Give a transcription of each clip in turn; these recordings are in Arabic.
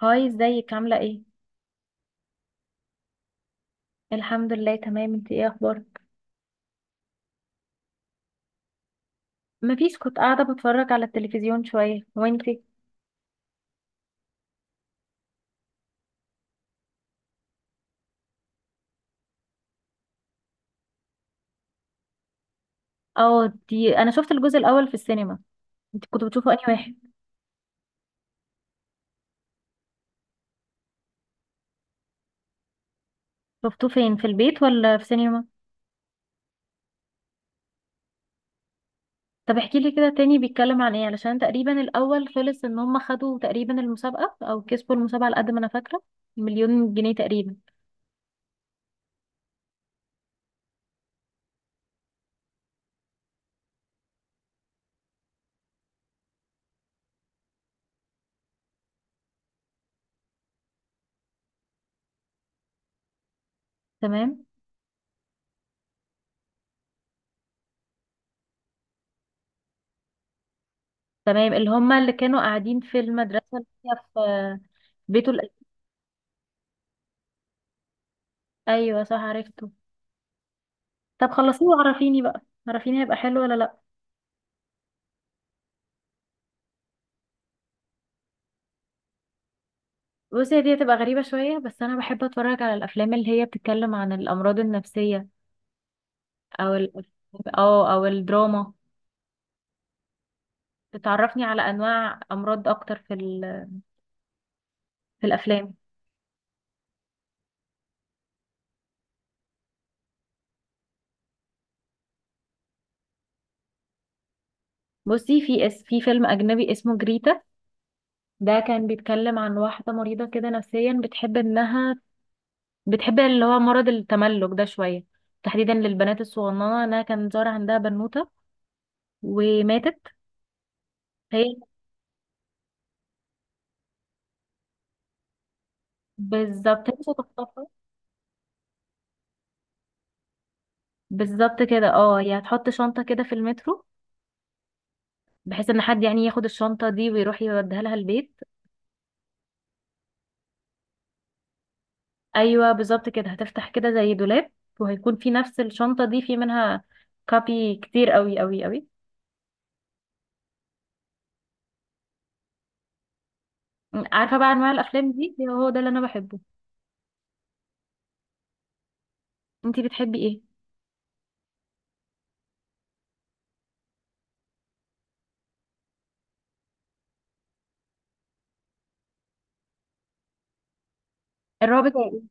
هاي، ازيك؟ عاملة ايه؟ الحمد لله تمام. انتي ايه اخبارك؟ مفيش، كنت قاعدة بتفرج على التلفزيون شوية، وانتي؟ اه، دي انا شفت الجزء الاول في السينما. انتي كنت بتشوفه انهي واحد؟ شفتوه فين، في البيت ولا في سينما؟ طب احكي لي كده تاني، بيتكلم عن ايه؟ علشان تقريبا الاول خلص ان هم خدوا تقريبا المسابقة او كسبوا المسابقة على قد ما انا فاكرة، مليون جنيه تقريبا. تمام. تمام، اللي هم اللي كانوا قاعدين في المدرسة اللي هي في بيته ايوه صح، عرفته. طب خلصيه وعرفيني بقى، عرفيني هيبقى حلو ولا لا. بصي، هي دي هتبقى غريبة شوية، بس أنا بحب أتفرج على الأفلام اللي هي بتتكلم عن الأمراض النفسية أو ال أو أو الدراما، بتعرفني على أنواع أمراض أكتر في الأفلام. بصي، في فيلم أجنبي اسمه جريتا، ده كان بيتكلم عن واحدة مريضة كده نفسيا، بتحب إنها بتحب اللي هو مرض التملك ده شوية، تحديدا للبنات الصغننة. إنها كان ظاهر عندها بنوتة، وماتت. هي، بالظبط، هي مش هتختارها. بالظبط كده، هي هتحط شنطة كده في المترو، بحيث ان حد يعني ياخد الشنطة دي ويروح يوديها لها البيت. ايوه بالظبط كده، هتفتح كده زي دولاب، وهيكون في نفس الشنطة دي في منها كابي كتير قوي قوي قوي. عارفة بقى، انواع الافلام دي هو ده اللي انا بحبه. انتي بتحبي ايه؟ الرعب التركي.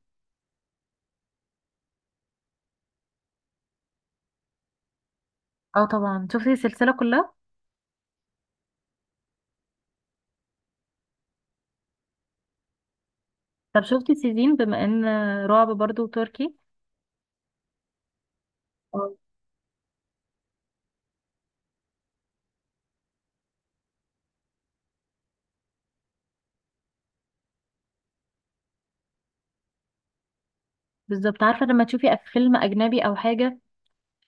اه طبعا، شفتي السلسلة كلها؟ طب شفتي سيزين، بما ان رعب برضو تركي؟ اه. بالظبط، عارفة لما تشوفي فيلم اجنبي او حاجة،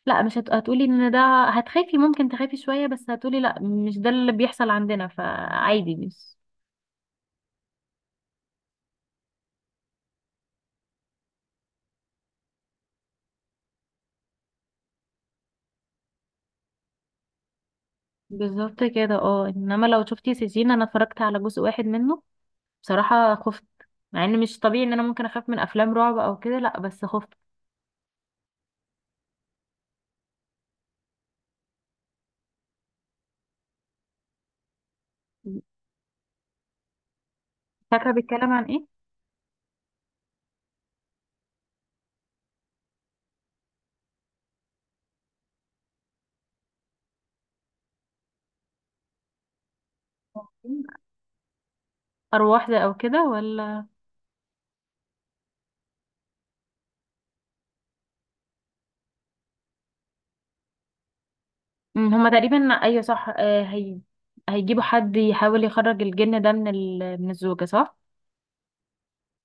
لا مش هتقولي ان ده، هتخافي، ممكن تخافي شوية، بس هتقولي لا مش ده اللي بيحصل عندنا، فعادي مش. بالظبط كده، انما لو شفتي سجين، انا اتفرجت على جزء واحد منه، بصراحة خفت. مع ان مش طبيعي ان انا ممكن اخاف من افلام رعب او كده، لا بس خفت. فاكرة بيتكلم عن ايه؟ ارواح ده او كده ولا؟ هما تقريبا، ايوه صح، هي هيجيبوا حد يحاول يخرج الجن ده من الزوجة، صح؟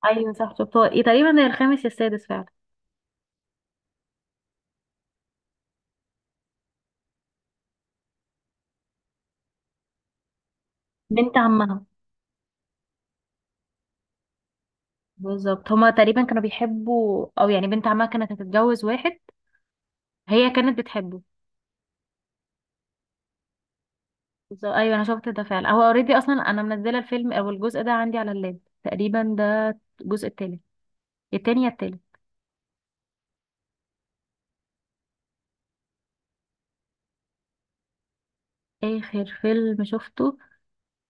ايوه صح، شفت. هو ايه تقريبا ده، الخامس يا السادس فعلا. بنت عمها. بالظبط، هما تقريبا كانوا بيحبوا، او يعني بنت عمها كانت هتتجوز واحد هي كانت بتحبه. بالظبط. ايوه انا شفت ده فعلا، هو اوريدي اصلا انا منزله الفيلم او الجزء ده عندي على اللاب. تقريبا ده الجزء التالت، التاني يا التالت. اخر فيلم شفته،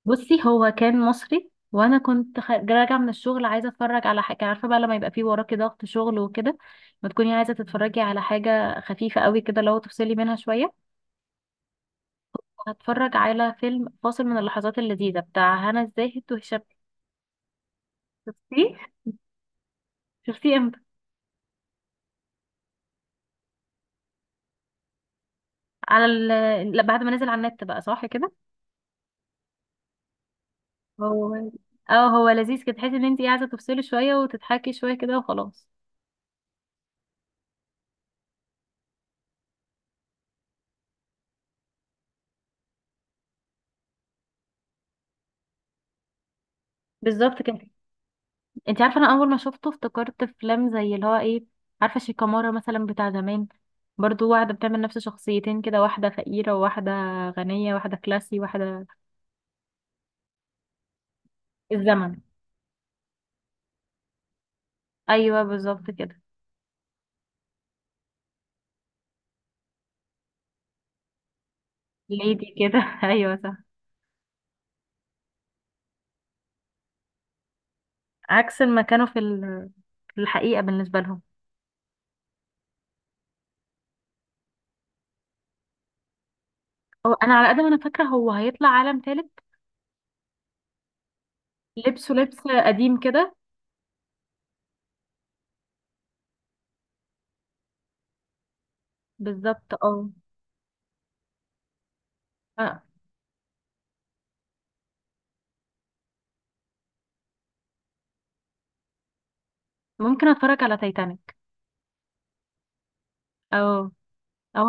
بصي هو كان مصري، وانا كنت راجعه من الشغل، عايزه اتفرج على حاجه. عارفه بقى لما يبقى فيه وراكي ضغط شغل وكده، ما تكوني عايزه تتفرجي على حاجه خفيفه قوي كده، لو تفصلي منها شويه. هتفرج على فيلم فاصل من اللحظات اللذيذه بتاع هنا الزاهد وهشام. شفتيه؟ شفتيه امتى؟ على ال... لا، بعد ما نزل على النت، بقى صح كده؟ هو اه هو لذيذ كده، تحسي ان انت قاعده تفصلي شويه وتضحكي شويه كده وخلاص. بالظبط كده. انت عارفه، انا اول ما شفته افتكرت افلام زي اللي هو ايه، عارفه شيكامارا مثلا بتاع زمان. برضو واحده بتعمل نفس شخصيتين كده، واحده فقيره وواحده غنيه، واحده كلاسي واحده الزمن. ايوه بالظبط كده. ليدي كده ايوه صح. عكس ما كانوا في الحقيقه بالنسبه لهم. هو انا على قد ما انا فاكره، هو هيطلع عالم ثالث، لبسه لبس قديم كده. بالظبط اه. آه. ممكن اتفرج على تايتانيك، او او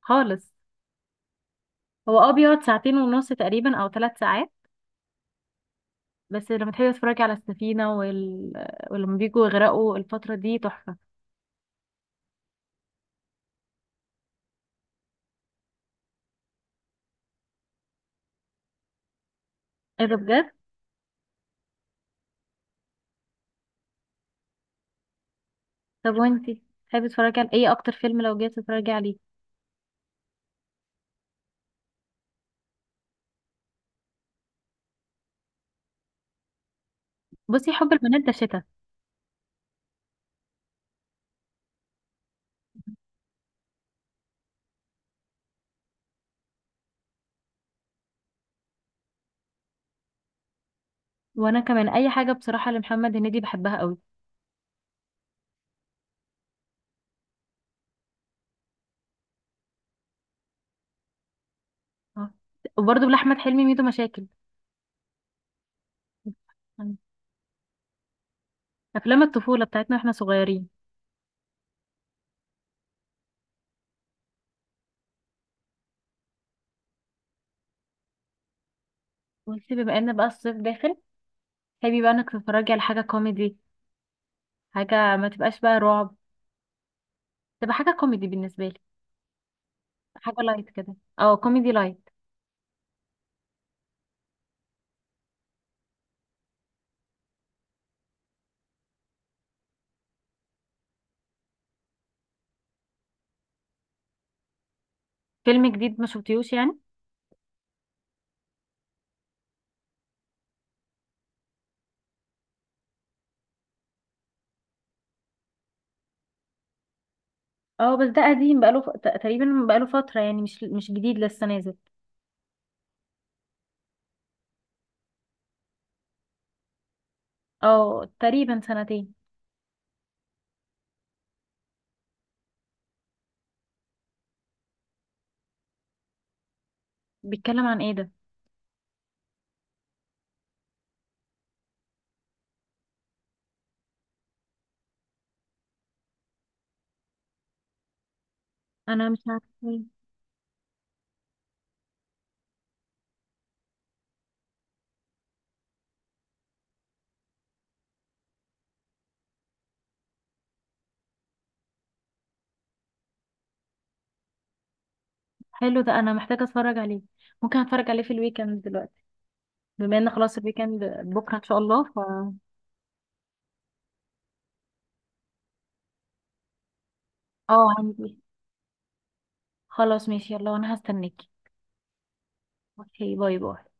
خالص. هو بيقعد ساعتين ونص تقريبا او ثلاث ساعات، بس لما تحبي تتفرجي على السفينة ولما بيجوا يغرقوا، الفترة دي تحفة. ايه ده بجد؟ طب وانتي، تحبي تتفرجي على ايه، اكتر فيلم لو جيت تتفرجي عليه؟ بصي، حب البنات ده شتا. وانا كمان، اي حاجة بصراحة لمحمد هنيدي بحبها قوي. اه، وبرضه لأحمد حلمي، ميدو مشاكل. افلام الطفولة بتاعتنا واحنا صغيرين. وانتي بما ان بقى الصيف داخل، تحبي بقى انك تتفرجي على حاجة كوميدي، حاجة ما تبقاش بقى رعب، تبقى حاجة كوميدي بالنسبة لي. حاجة لايت كده، كوميدي لايت. فيلم جديد ما شفتيهوش يعني. اه بس ده قديم، بقاله تقريبا بقاله فترة، يعني مش جديد لسه نازل. اه تقريبا سنتين. بيتكلم عن ايه ده؟ انا مش عارفة إيه. حلو ده، انا محتاجة اتفرج عليه. ممكن اتفرج عليه في الويكند دلوقتي، بما ان خلاص الويكند بكرة ان شاء الله اه، عندي. خلاص ماشي، يلا، وانا هستناكي. اوكي، باي باي.